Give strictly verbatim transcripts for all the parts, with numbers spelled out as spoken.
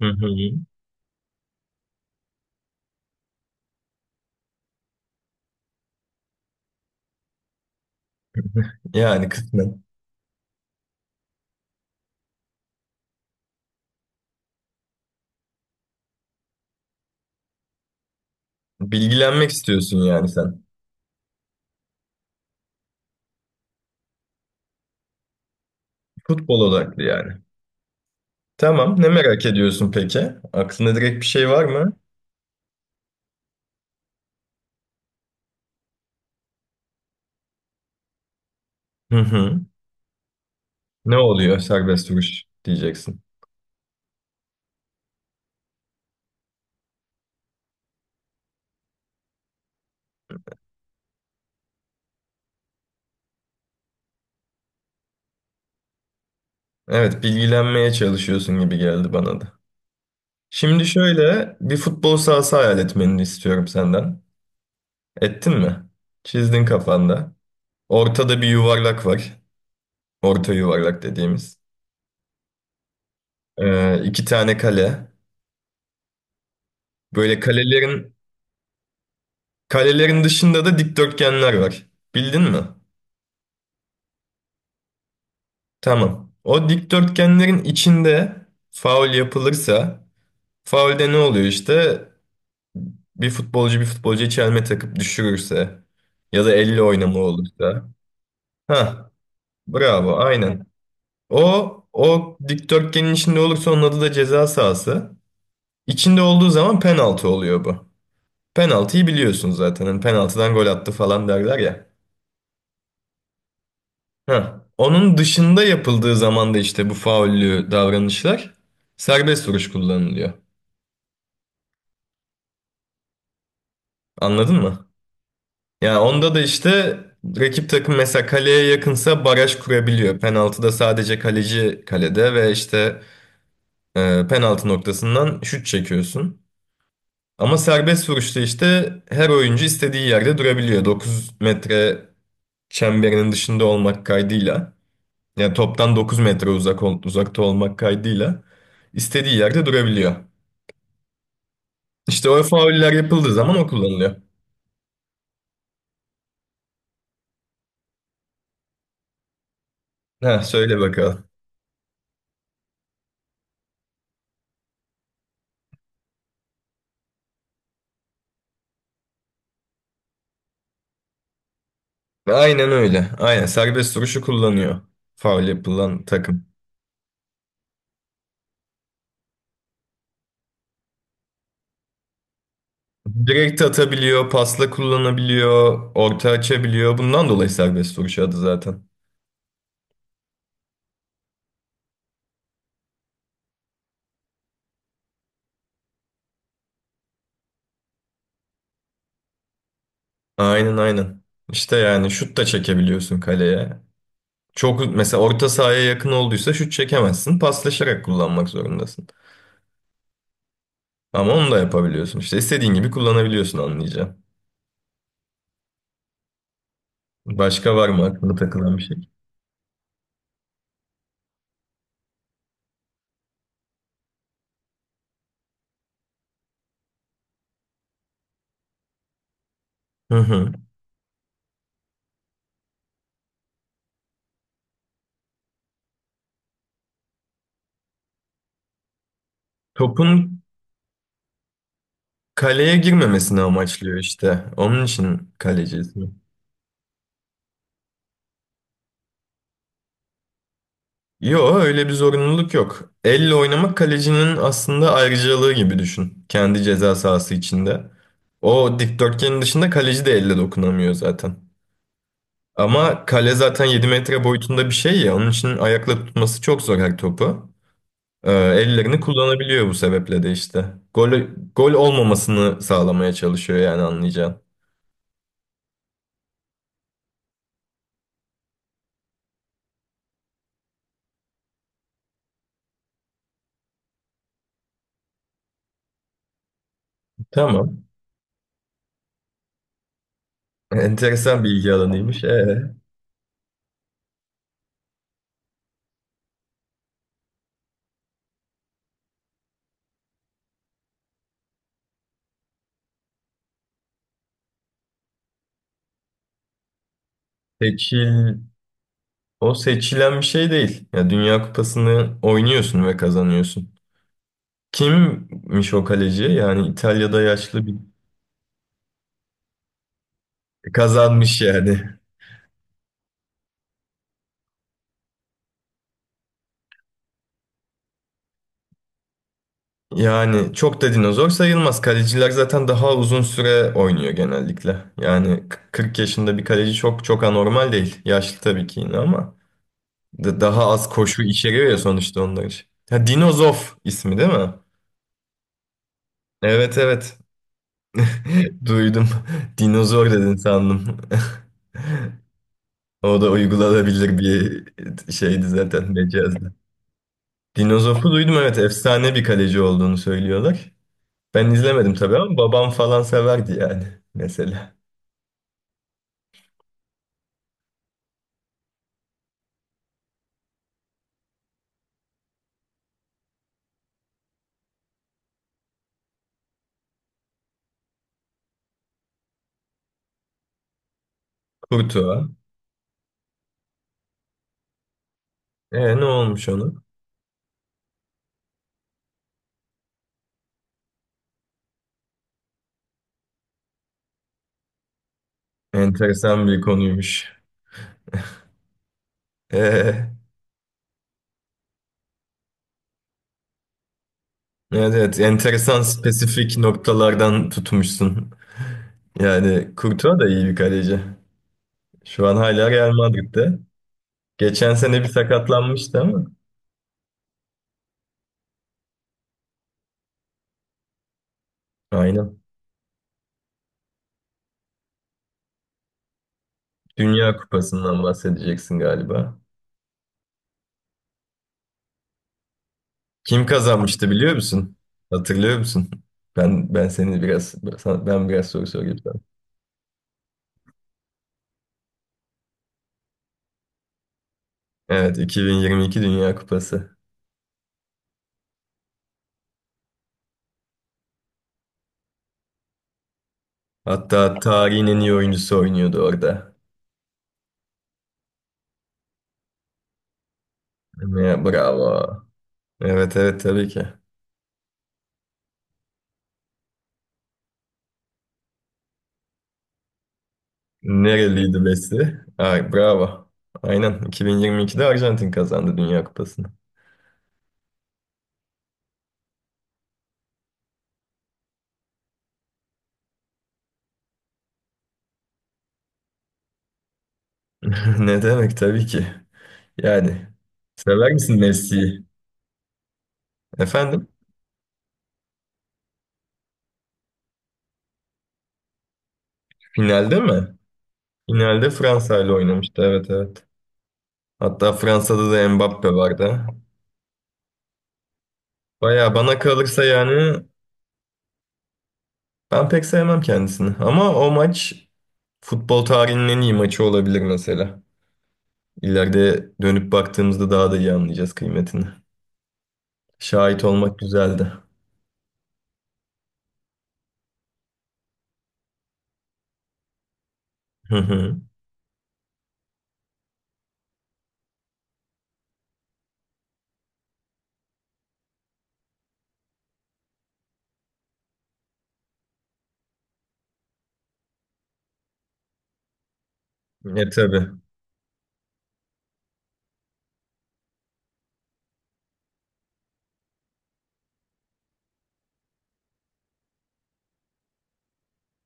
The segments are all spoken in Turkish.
Hı hı. Yani kısmen. Bilgilenmek istiyorsun yani sen. Futbol odaklı yani. Tamam. Ne merak ediyorsun peki? Aklında direkt bir şey var mı? Hı hı. Ne oluyor serbest vuruş diyeceksin. Evet, bilgilenmeye çalışıyorsun gibi geldi bana da. Şimdi şöyle bir futbol sahası hayal etmeni istiyorum senden. Ettin mi? Çizdin kafanda. Ortada bir yuvarlak var. Orta yuvarlak dediğimiz. Ee, iki tane kale. Böyle kalelerin Kalelerin dışında da dikdörtgenler var. Bildin mi? Tamam. O dikdörtgenlerin içinde faul yapılırsa, faulde ne oluyor işte? Bir futbolcu bir futbolcu çelme takıp düşürürse ya da elle oynama olursa. Ha, bravo, aynen. O o dikdörtgenin içinde olursa onun adı da ceza sahası. İçinde olduğu zaman penaltı oluyor bu. Penaltıyı biliyorsun zaten. Hani penaltıdan gol attı falan derler ya. Heh. Onun dışında yapıldığı zaman da işte bu faullü davranışlar serbest vuruş kullanılıyor. Anladın mı? Yani onda da işte rakip takım mesela kaleye yakınsa baraj kurabiliyor. Penaltıda sadece kaleci kalede ve işte e, penaltı noktasından şut çekiyorsun. Ama serbest vuruşta işte her oyuncu istediği yerde durabiliyor. Dokuz metre çemberinin dışında olmak kaydıyla. Yani toptan dokuz metre uzak ol- uzakta olmak kaydıyla istediği yerde durabiliyor. İşte o fauller yapıldığı zaman o kullanılıyor. Ha söyle bakalım. Aynen öyle. Aynen serbest vuruşu kullanıyor. Faul yapılan takım. Direkt atabiliyor, pasla kullanabiliyor, orta açabiliyor. Bundan dolayı serbest vuruş adı zaten. Aynen aynen. İşte yani şut da çekebiliyorsun kaleye. Çok mesela orta sahaya yakın olduysa şut çekemezsin. Paslaşarak kullanmak zorundasın. Ama onu da yapabiliyorsun. İşte istediğin gibi kullanabiliyorsun anlayacağım. Başka var mı aklına takılan bir şey? Hı hı. Topun kaleye girmemesini amaçlıyor işte. Onun için kaleci ismi. Yo öyle bir zorunluluk yok. Elle oynamak kalecinin aslında ayrıcalığı gibi düşün. Kendi ceza sahası içinde. O dikdörtgenin dışında kaleci de elle dokunamıyor zaten. Ama kale zaten yedi metre boyutunda bir şey ya. Onun için ayakla tutması çok zor her topu. Ee, ellerini kullanabiliyor bu sebeple de işte. Gol, gol olmamasını sağlamaya çalışıyor yani anlayacağın. Tamam. Enteresan bilgi alanıymış. Ee? Seçil, O seçilen bir şey değil. Ya Dünya Kupası'nı oynuyorsun ve kazanıyorsun. Kimmiş o kaleci? Yani İtalya'da yaşlı bir kazanmış yani. Yani çok da dinozor sayılmaz. Kaleciler zaten daha uzun süre oynuyor genellikle. Yani k- kırk yaşında bir kaleci çok çok anormal değil. Yaşlı tabii ki yine ama da- daha az koşu içeriyor ya sonuçta onlar için. Ha, Dinozof ismi değil mi? Evet evet. Duydum. Dinozor dedin sandım. O da uygulanabilir bir şeydi zaten mecazdı. Dinozof'u duydum, evet, efsane bir kaleci olduğunu söylüyorlar. Ben izlemedim tabii ama babam falan severdi yani mesela. Kurtuğa. E ne olmuş ona? Enteresan bir konuymuş. E, evet evet, enteresan spesifik noktalardan tutmuşsun. Yani Kurtuğa da iyi bir kaleci. Şu an hala Real Madrid'de. Geçen sene bir sakatlanmıştı ama. Aynen. Dünya Kupası'ndan bahsedeceksin galiba. Kim kazanmıştı biliyor musun? Hatırlıyor musun? Ben ben seni biraz sana- ben biraz soru sorayım sana. Evet, iki bin yirmi iki Dünya Kupası. Hatta tarihin en iyi oyuncusu oynuyordu orada. Ya, bravo. Evet evet, tabii ki. Nereliydi Messi? Ay bravo. Aynen iki bin yirmi ikide Arjantin kazandı Dünya Kupası'nı. Ne demek, tabii ki. Yani sever misin Messi'yi? Efendim? Finalde mi? Finalde Fransa ile oynamıştı. Evet evet. Hatta Fransa'da da Mbappe vardı. Baya bana kalırsa yani ben pek sevmem kendisini. Ama o maç futbol tarihinin en iyi maçı olabilir mesela. İleride dönüp baktığımızda daha da iyi anlayacağız kıymetini. Şahit olmak güzeldi. Hı hı. E tabii.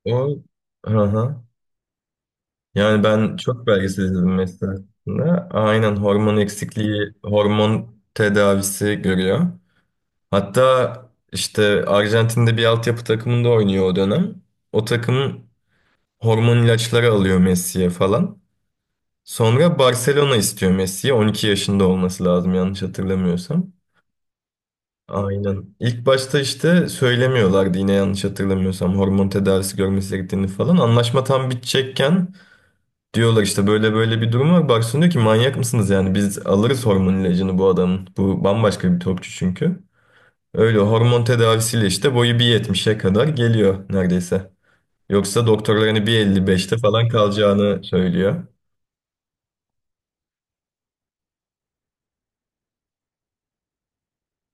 O, hı hı. Yani ben çok belgesel izledim mesela. Aynen, hormon eksikliği, hormon tedavisi görüyor. Hatta işte Arjantin'de bir altyapı takımında oynuyor o dönem. O takım hormon ilaçları alıyor Messi'ye falan. Sonra Barcelona istiyor Messi'ye. on iki yaşında olması lazım yanlış hatırlamıyorsam. Aynen. İlk başta işte söylemiyorlardı yine yanlış hatırlamıyorsam hormon tedavisi görmesi gerektiğini falan. Anlaşma tam bitecekken diyorlar işte böyle böyle bir durum var. Barcelona diyor ki manyak mısınız yani, biz alırız hormon ilacını bu adamın. Bu bambaşka bir topçu çünkü. Öyle hormon tedavisiyle işte boyu bir yetmişe kadar geliyor neredeyse. Yoksa doktorlar hani bir elli beşte falan kalacağını söylüyor.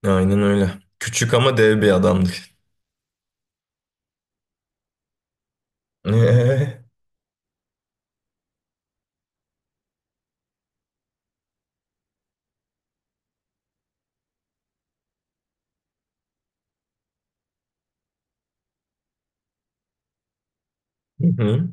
Aynen öyle. Küçük ama dev bir adamdır. Hı hı.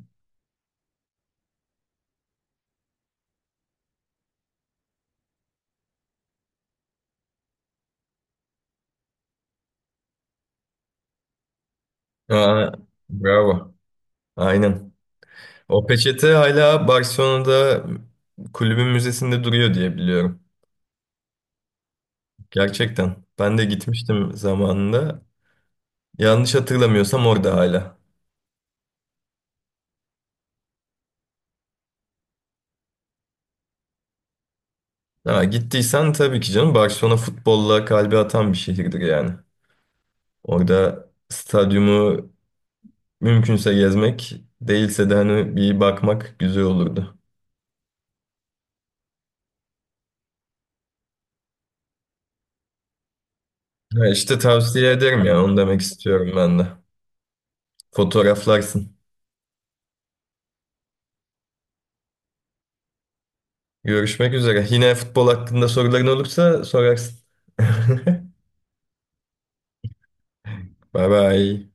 Aa, bravo. Aynen. O peçete hala Barcelona'da kulübün müzesinde duruyor diye biliyorum. Gerçekten. Ben de gitmiştim zamanında. Yanlış hatırlamıyorsam orada hala. Ha, gittiysen tabii ki canım, Barcelona futbolla kalbi atan bir şehirdir yani. Orada stadyumu mümkünse gezmek, değilse de hani bir bakmak güzel olurdu. Ha işte tavsiye ederim ya, onu demek istiyorum ben de. Fotoğraflarsın. Görüşmek üzere. Yine futbol hakkında soruların olursa sorarsın. Bye bye.